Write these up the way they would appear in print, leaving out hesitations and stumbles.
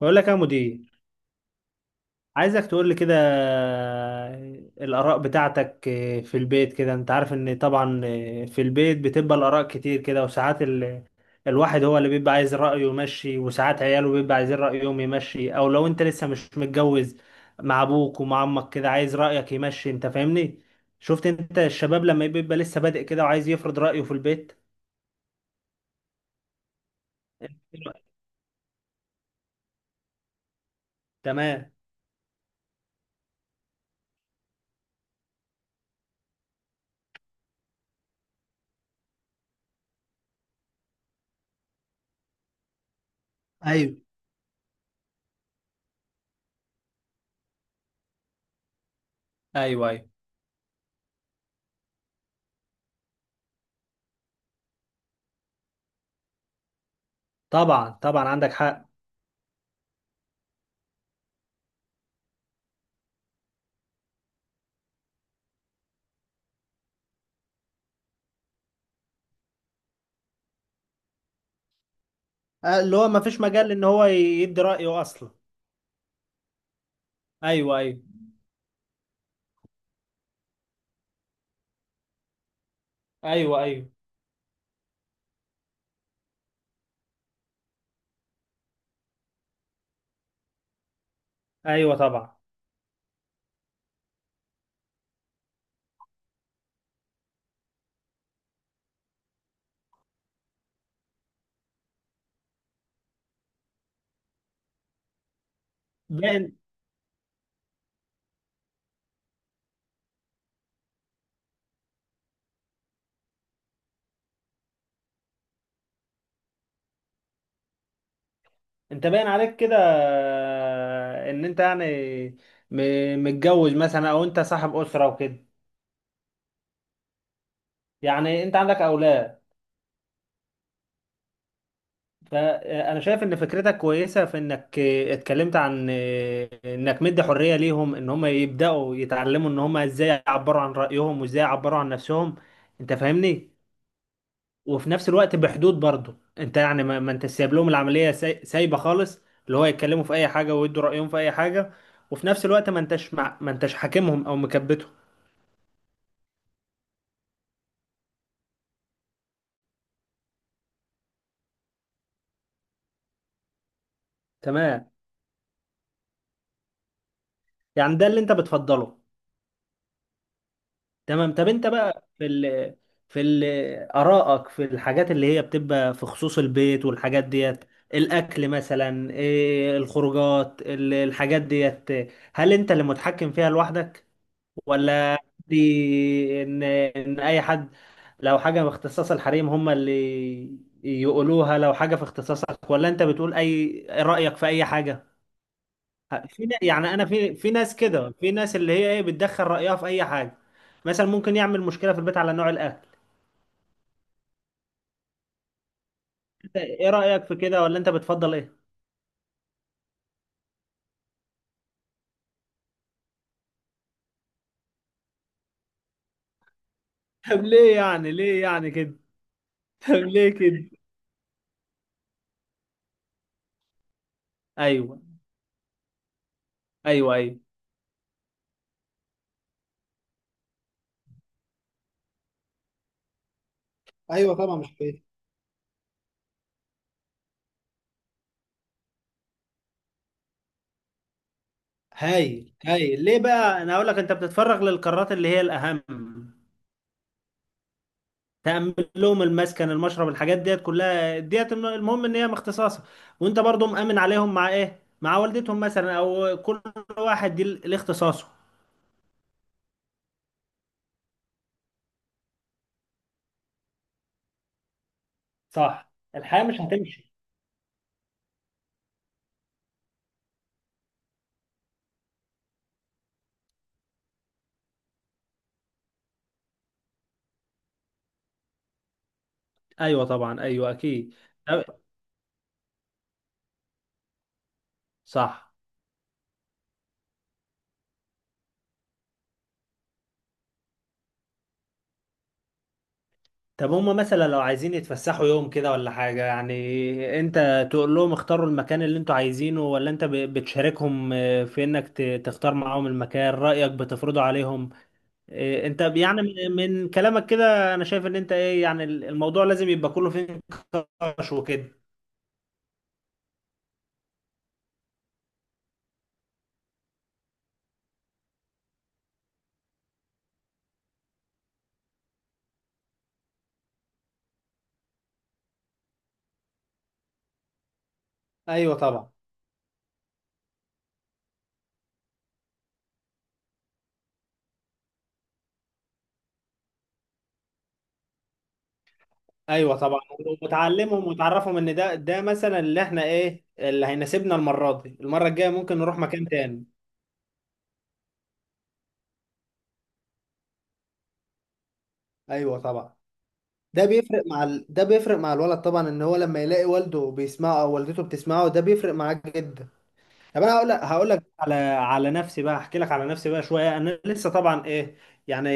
بقول لك يا مدير، عايزك تقول لي كده. الآراء بتاعتك في البيت كده، انت عارف ان طبعا في البيت بتبقى الآراء كتير كده. وساعات الواحد هو اللي بيبقى عايز رأيه يمشي، وساعات عياله بيبقى عايزين رأيهم يمشي، او لو انت لسه مش متجوز مع ابوك ومع امك كده عايز رأيك يمشي. انت فاهمني؟ شفت انت الشباب لما بيبقى لسه بادئ كده وعايز يفرض رأيه في البيت؟ تمام. ايوه ايوه ايوه طبعا طبعا عندك حق. اللي هو ما فيش مجال ان هو يدي رأيه اصلا. ايوه ايوه. ايوه ايوه. ايوه طبعا. باين. انت باين عليك كده ان انت يعني متجوز مثلا او انت صاحب أسرة وكده. يعني انت عندك اولاد؟ فانا شايف ان فكرتك كويسة في انك اتكلمت عن انك مدي حرية ليهم ان هم يبدأوا يتعلموا ان هم ازاي يعبروا عن رأيهم وازاي يعبروا عن نفسهم. انت فاهمني؟ وفي نفس الوقت بحدود برضه. انت يعني ما انت سايب لهم العمليه سايبه خالص، اللي هو يتكلموا في اي حاجه ويدوا رايهم في اي حاجه، وفي نفس الوقت ما انتش ما انتش حاكمهم او مكبتهم. تمام. يعني ده اللي انت بتفضله؟ تمام. طب انت بقى في في ال... ارائك في الحاجات اللي هي بتبقى في خصوص البيت والحاجات ديت. الاكل مثلا، إيه الخروجات الحاجات ديت؟ هل انت اللي متحكم فيها لوحدك؟ ولا دي ان اي حد، لو حاجه في اختصاص الحريم هم اللي يقولوها، لو حاجه في اختصاصك؟ ولا انت بتقول اي رايك في اي حاجه؟ في يعني انا في ناس كده، في ناس اللي هي ايه بتدخل رايها في اي حاجه، مثلا ممكن يعمل مشكله في البيت على نوع الاكل. انت ايه رايك في كده؟ ولا انت بتفضل ايه؟ طب ليه يعني، ليه يعني كده؟ طب ليه كده؟ ايوه ايوه. ايوه ايوه طبعا مش بعيد. هايل هايل. ليه بقى؟ انا اقول لك انت بتتفرغ للقرارات اللي هي الاهم. تأمن لهم المسكن المشرب الحاجات ديت كلها ديت، المهم ان هي مختصاصة، وانت برضو مأمن عليهم مع ايه، مع والدتهم مثلا، او كل واحد دي الاختصاصه. صح، الحياة مش هتمشي. ايوه طبعا، ايوه اكيد. أو- صح. طب هما مثلا لو عايزين يتفسحوا يوم كده ولا حاجة، يعني انت تقول لهم اختاروا المكان اللي انتوا عايزينه؟ ولا انت بتشاركهم في انك تختار معاهم المكان؟ رأيك بتفرضه عليهم؟ إيه انت يعني، من كلامك كده انا شايف ان انت ايه يعني الموضوع لازم يبقى كله فيه نقاش وكده. ايوه طبعا. ايوه طبعا. وتعلمهم وتعرفهم ان ده مثلا اللي احنا ايه اللي هيناسبنا المره دي، المره الجايه ممكن نروح مكان تاني. ايوه طبعا. ده بيفرق مع ده بيفرق مع الولد طبعا، ان هو لما يلاقي والده بيسمعه او والدته بتسمعه ده بيفرق معاه جدا. طب انا هقول لك على نفسي بقى، احكي لك على نفسي بقى شويه. انا لسه طبعا ايه يعني،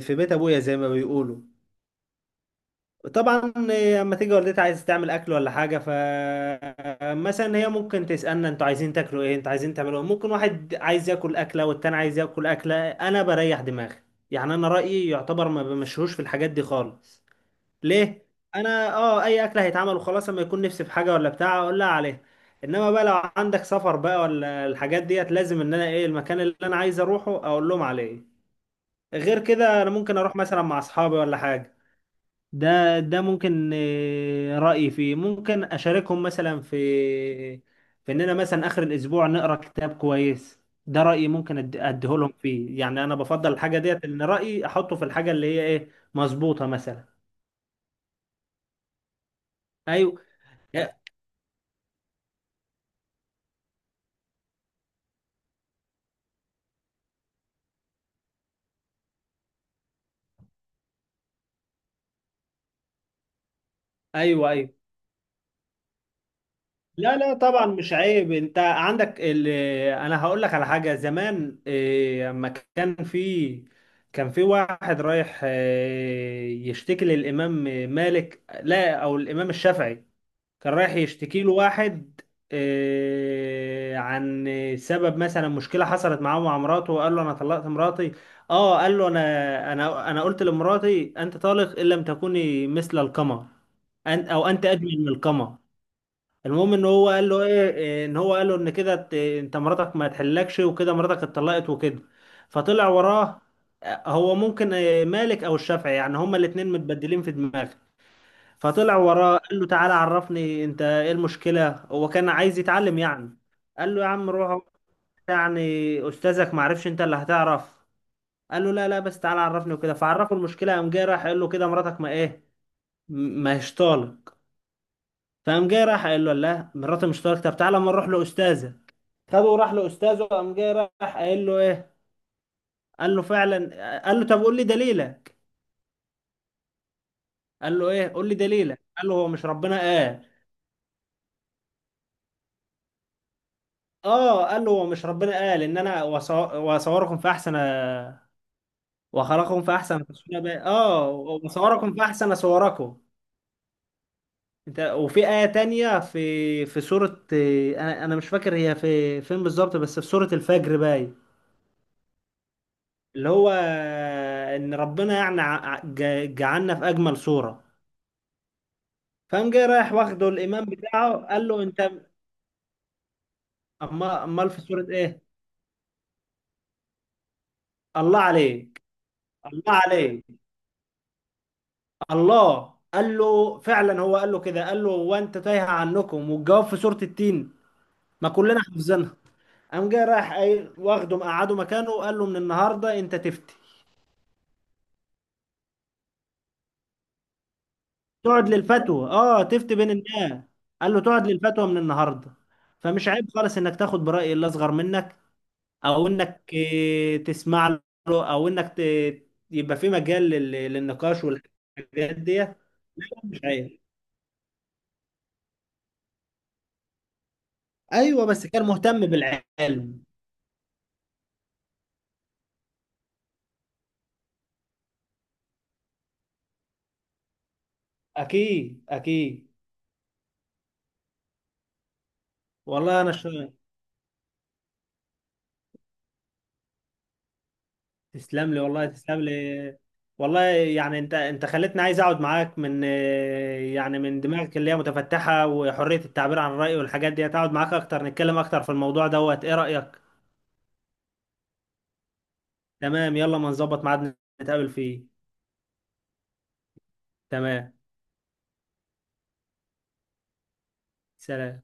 في بيت ابويا زي ما بيقولوا. طبعا اما تيجي والدتي عايز تعمل اكل ولا حاجه، ف مثلا هي ممكن تسالنا انتوا عايزين تاكلوا ايه، انتوا عايزين تعملوا ايه، ممكن واحد عايز ياكل اكله والتاني عايز ياكل اكله. انا بريح دماغي، يعني انا رايي يعتبر ما بمشيهوش في الحاجات دي خالص. ليه؟ انا اه اي اكله هيتعمل وخلاص، اما يكون نفسي في حاجه ولا بتاع اقول لها عليها. انما بقى لو عندك سفر بقى ولا الحاجات ديت، لازم ان انا ايه المكان اللي انا عايز اروحه اقول لهم عليه. غير كده انا ممكن اروح مثلا مع اصحابي ولا حاجه، ده ممكن رأيي فيه ممكن أشاركهم مثلا في إننا مثلا آخر الأسبوع نقرأ كتاب كويس. ده رأيي ممكن أديه لهم فيه. يعني أنا بفضل الحاجة ديت، إن رأيي أحطه في الحاجة اللي هي إيه مظبوطة مثلا. أيوه. يا- أيوه أيوه. لا لا طبعا مش عيب. أنت عندك أنا هقول لك على حاجة زمان. أما كان في، كان في واحد رايح يشتكي للإمام مالك، لا أو الإمام الشافعي. كان رايح يشتكي له واحد عن سبب مثلا مشكله حصلت معاه مع مراته، وقال له انا طلقت مراتي. اه قال له انا قلت لمراتي انت طالق ان لم تكوني مثل القمر، أن او انت اجمل من القمر. المهم ان هو قال له ايه، ان هو قال له ان كده انت مراتك ما تحلكش وكده مراتك اتطلقت وكده. فطلع وراه. هو ممكن مالك او الشافعي، يعني هما الاتنين متبدلين في دماغه. فطلع وراه قال له تعالى عرفني انت ايه المشكلة، هو كان عايز يتعلم يعني. قال له يا عم روح اقعد، يعني استاذك ما عرفش انت اللي هتعرف؟ قال له لا لا بس تعالى عرفني وكده، فعرفه المشكلة. قام جاي راح قال له كده مراتك ما ايه، ما هيش طالق. فقام جاي راح قال له لا مراتي مش طالق، طب تعالى اما نروح لاستاذة. خده وراح لاستاذه قام جاي راح قال له ايه، قال له فعلا. قال له طب قول لي دليلك. قال له ايه قول لي دليلك، قال له هو مش ربنا قال. اه قال له مش ربنا قال ان انا واصوركم في احسن واخلقكم في احسن تصوير. بقى اه واصوركم في احسن صوركم انت. وفي آية تانية في في سورة، انا مش فاكر هي في فين بالظبط، بس في سورة الفجر باي، اللي هو ان ربنا يعني جعلنا في اجمل صورة. فقام جاي رايح واخده الامام بتاعه قال له انت امال في سورة ايه؟ الله عليك. الله عليك. الله قال له فعلا، هو قال له كده، قال له وانت تايه عنكم والجواب في سورة التين، ما كلنا حافظينها. قام جاي رايح واخده مقعده مكانه وقال له من النهارده انت تفتي، تقعد للفتوى اه تفتي بين الناس. قال له تقعد للفتوى من النهارده. فمش عيب خالص انك تاخد برأي اللي اصغر منك، او انك تسمع له، او انك ت- يبقى في مجال للنقاش والحاجات دي. مش عيب. ايوه بس كان مهتم بالعلم. اكيد اكيد. والله انا تسلم لي والله تسلم لي. والله يعني انت خلتني عايز اقعد معاك من، يعني من دماغك اللي هي متفتحة وحرية التعبير عن الرأي والحاجات دي، اقعد معاك اكتر نتكلم اكتر في الموضوع دوت. ايه رأيك؟ تمام. يلا ما نظبط ميعاد نتقابل فيه. تمام. سلام.